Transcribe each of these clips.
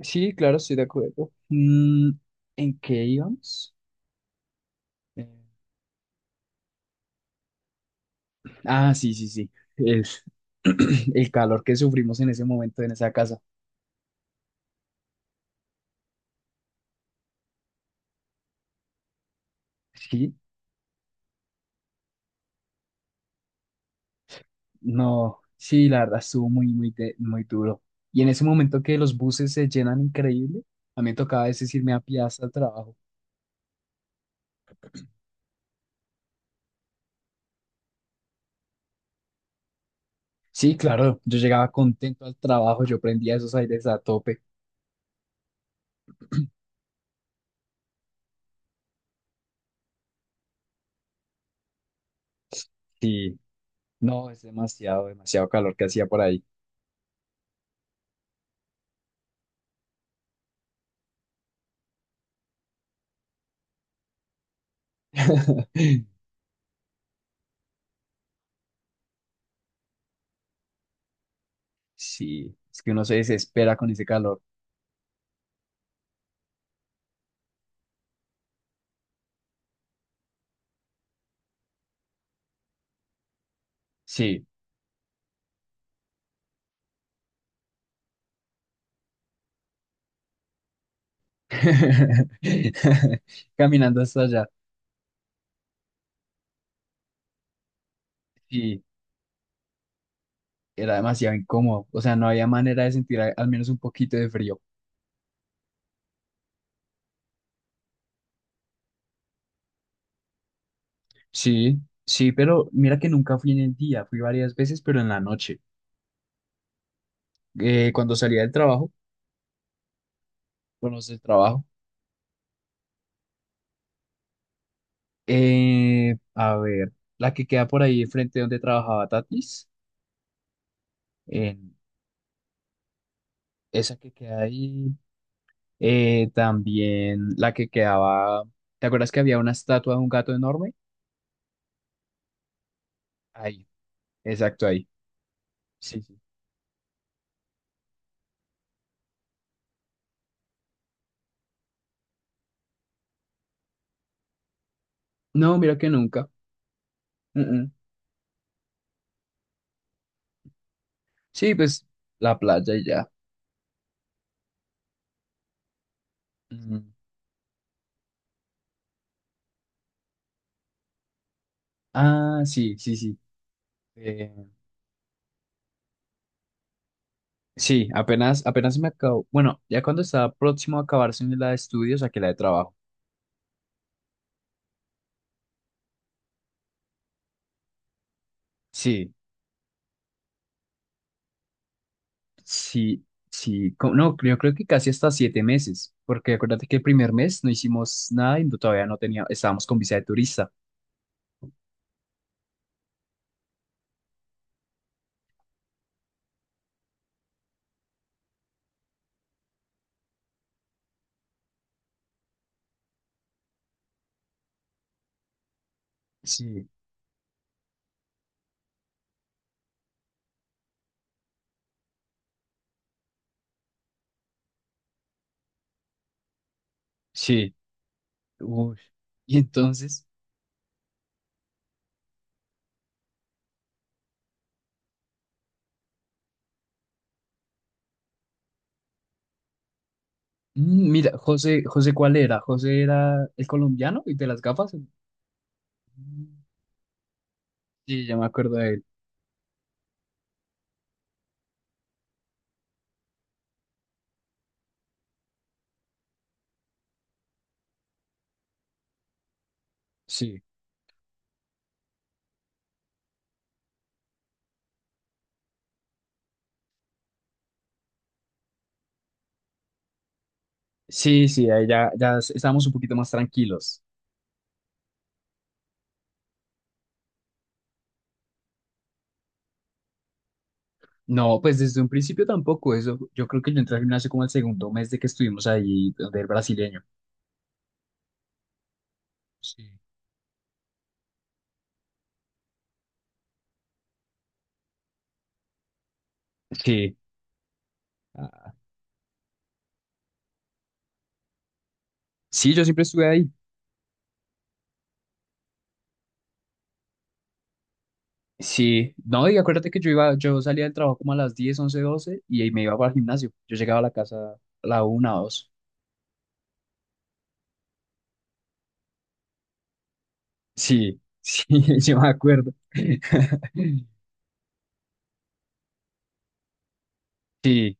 Sí, claro, estoy de acuerdo. ¿En qué íbamos? Eh, ah, sí, sí, sí. El, el calor que sufrimos en ese momento en esa casa. Sí, no, sí, la verdad estuvo muy, muy, muy duro. Y en ese momento que los buses se llenan increíble, a mí me tocaba a veces irme a pie hasta el trabajo. Sí, claro, yo llegaba contento al trabajo, yo prendía esos aires a tope. Sí, no, es demasiado, demasiado calor que hacía por ahí. Sí, es que uno se desespera con ese calor. Sí. Caminando hasta allá. Sí, era demasiado incómodo. O sea, no había manera de sentir al menos un poquito de frío. Sí, sí, pero mira que nunca fui en el día. Fui varias veces, pero en la noche. Cuando salía del trabajo, bueno, del trabajo. A ver, la que queda por ahí frente donde trabajaba Tatis. En esa que queda ahí. También la que quedaba. ¿Te acuerdas que había una estatua de un gato enorme? Ahí, exacto, ahí. Sí, sí. No, mira que nunca. Mm, mm. Sí, pues la playa y ya. Mm. Ah, sí, sí, sí. Eh, sí, apenas, apenas me acabo. Bueno, ya cuando estaba próximo a acabarse la de estudios, a que la de trabajo. Sí, sí, sí. No, yo creo que casi hasta 7 meses, porque acuérdate que el primer mes no hicimos nada y todavía no teníamos, estábamos con visa de turista. Sí, sí. Uy. Y entonces, mira, José, José, ¿cuál era? José era el colombiano y de las gafas. Sí, ya me acuerdo de él. Sí. Sí, sí, ahí ya estábamos un poquito más tranquilos. No, pues desde un principio tampoco. Eso, yo creo que yo entré al gimnasio como el segundo mes de que estuvimos ahí, donde el brasileño. Sí. Sí. Ah, sí, yo siempre estuve ahí. Sí. No, y acuérdate que yo iba, yo salía del trabajo como a las 10, 11, 12 y ahí me iba para el gimnasio. Yo llegaba a la casa a la 1, 2. Sí, sí, yo me acuerdo. Sí.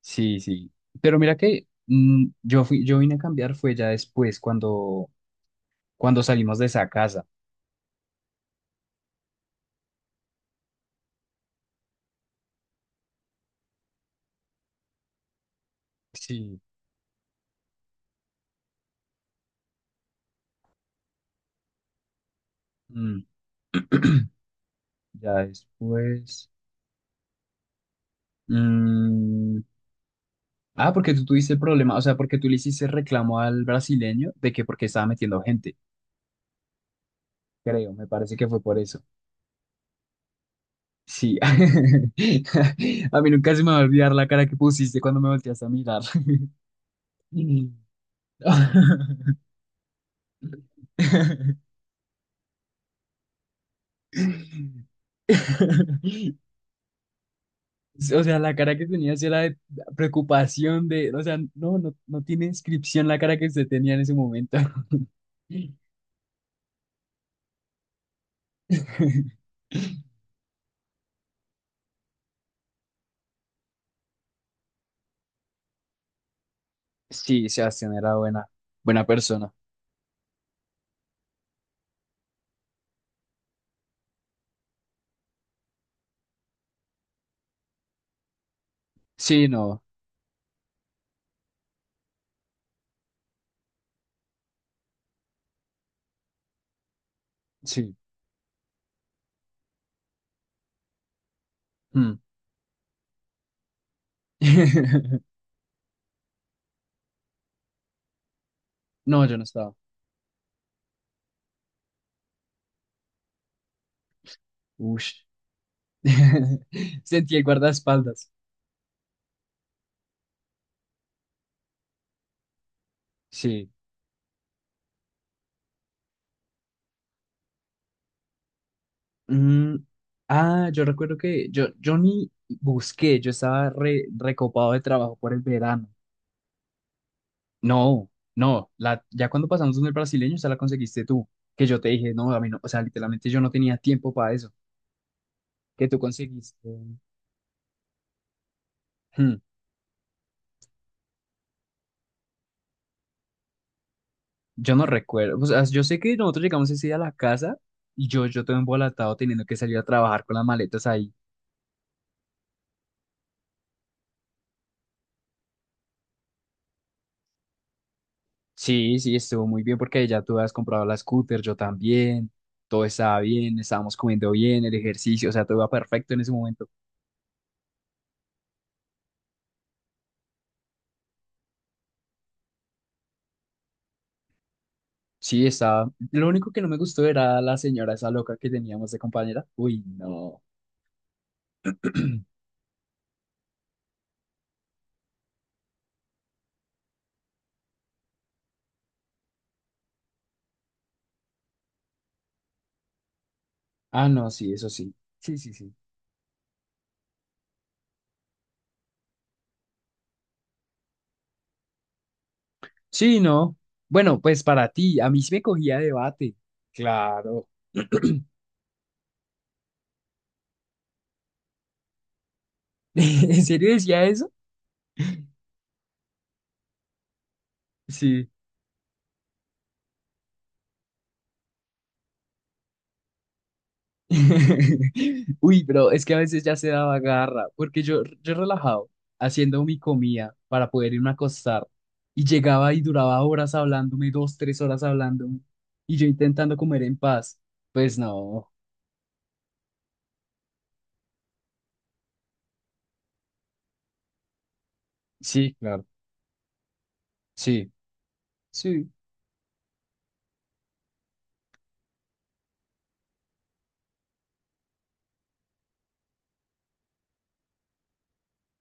Sí, sí. Pero mira que yo vine a cambiar fue ya después, cuando salimos de esa casa. Sí. Mm, ya después. Mm, ah, porque tú tuviste el problema, o sea, porque tú le hiciste reclamo al brasileño de que porque estaba metiendo gente, creo, me parece que fue por eso. Sí. A mí nunca se me va a olvidar la cara que pusiste cuando me volteaste a mirar. O sea, la cara que tenía sí era de preocupación de, o sea, no, no, no tiene inscripción la cara que se tenía en ese momento. Sí, Sebastián era buena, buena persona. Sí, no, sí. Mm. No, yo no estaba. Ush. Sentí el guardaespaldas. Sí. Mm, Ah, yo recuerdo que yo ni busqué, yo estaba recopado de trabajo por el verano. No, no, ya cuando pasamos donde el brasileño, esa la conseguiste tú, que yo te dije, no, a mí no, o sea, literalmente yo no tenía tiempo para eso, que tú conseguiste. Hmm, yo no recuerdo, o sea, yo sé que nosotros llegamos ese día a la casa y yo todo embolatado teniendo que salir a trabajar con las maletas ahí. Sí, sí, estuvo muy bien porque ya tú habías comprado la scooter, yo también, todo estaba bien, estábamos comiendo bien, el ejercicio, o sea, todo iba perfecto en ese momento. Sí, estaba, lo único que no me gustó era la señora esa loca que teníamos de compañera. Uy, no. Ah, no, sí, eso sí. Sí, sí, sí. Sí, no. Bueno, pues para ti, a mí sí me cogía debate. Claro. ¿En serio decía eso? Sí. Uy, pero es que a veces ya se daba garra, porque yo relajado, haciendo mi comida para poder irme a acostar, y llegaba y duraba horas hablándome, 2, 3 horas hablándome, y yo intentando comer en paz. Pues no, sí, claro, sí, sí,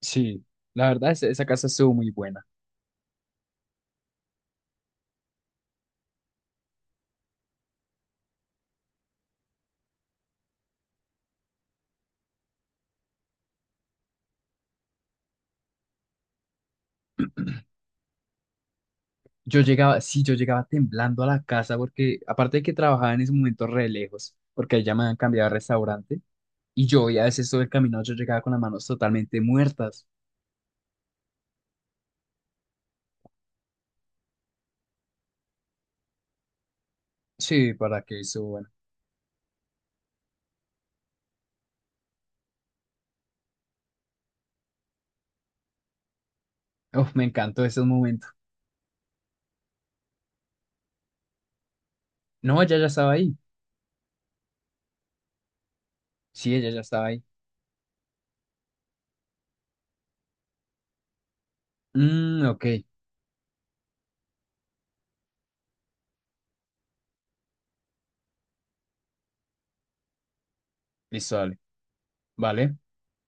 sí. La verdad, esa casa estuvo muy buena. Yo llegaba, sí, yo llegaba temblando a la casa porque aparte de que trabajaba en ese momento re lejos, porque ahí ya me habían cambiado de restaurante y yo ya a veces todo el camino yo llegaba con las manos totalmente muertas. Sí, para que eso, bueno. Uf, me encantó esos momentos. No, ella ya estaba ahí. Sí, ella ya estaba ahí. Ok, listo, dale. Vale.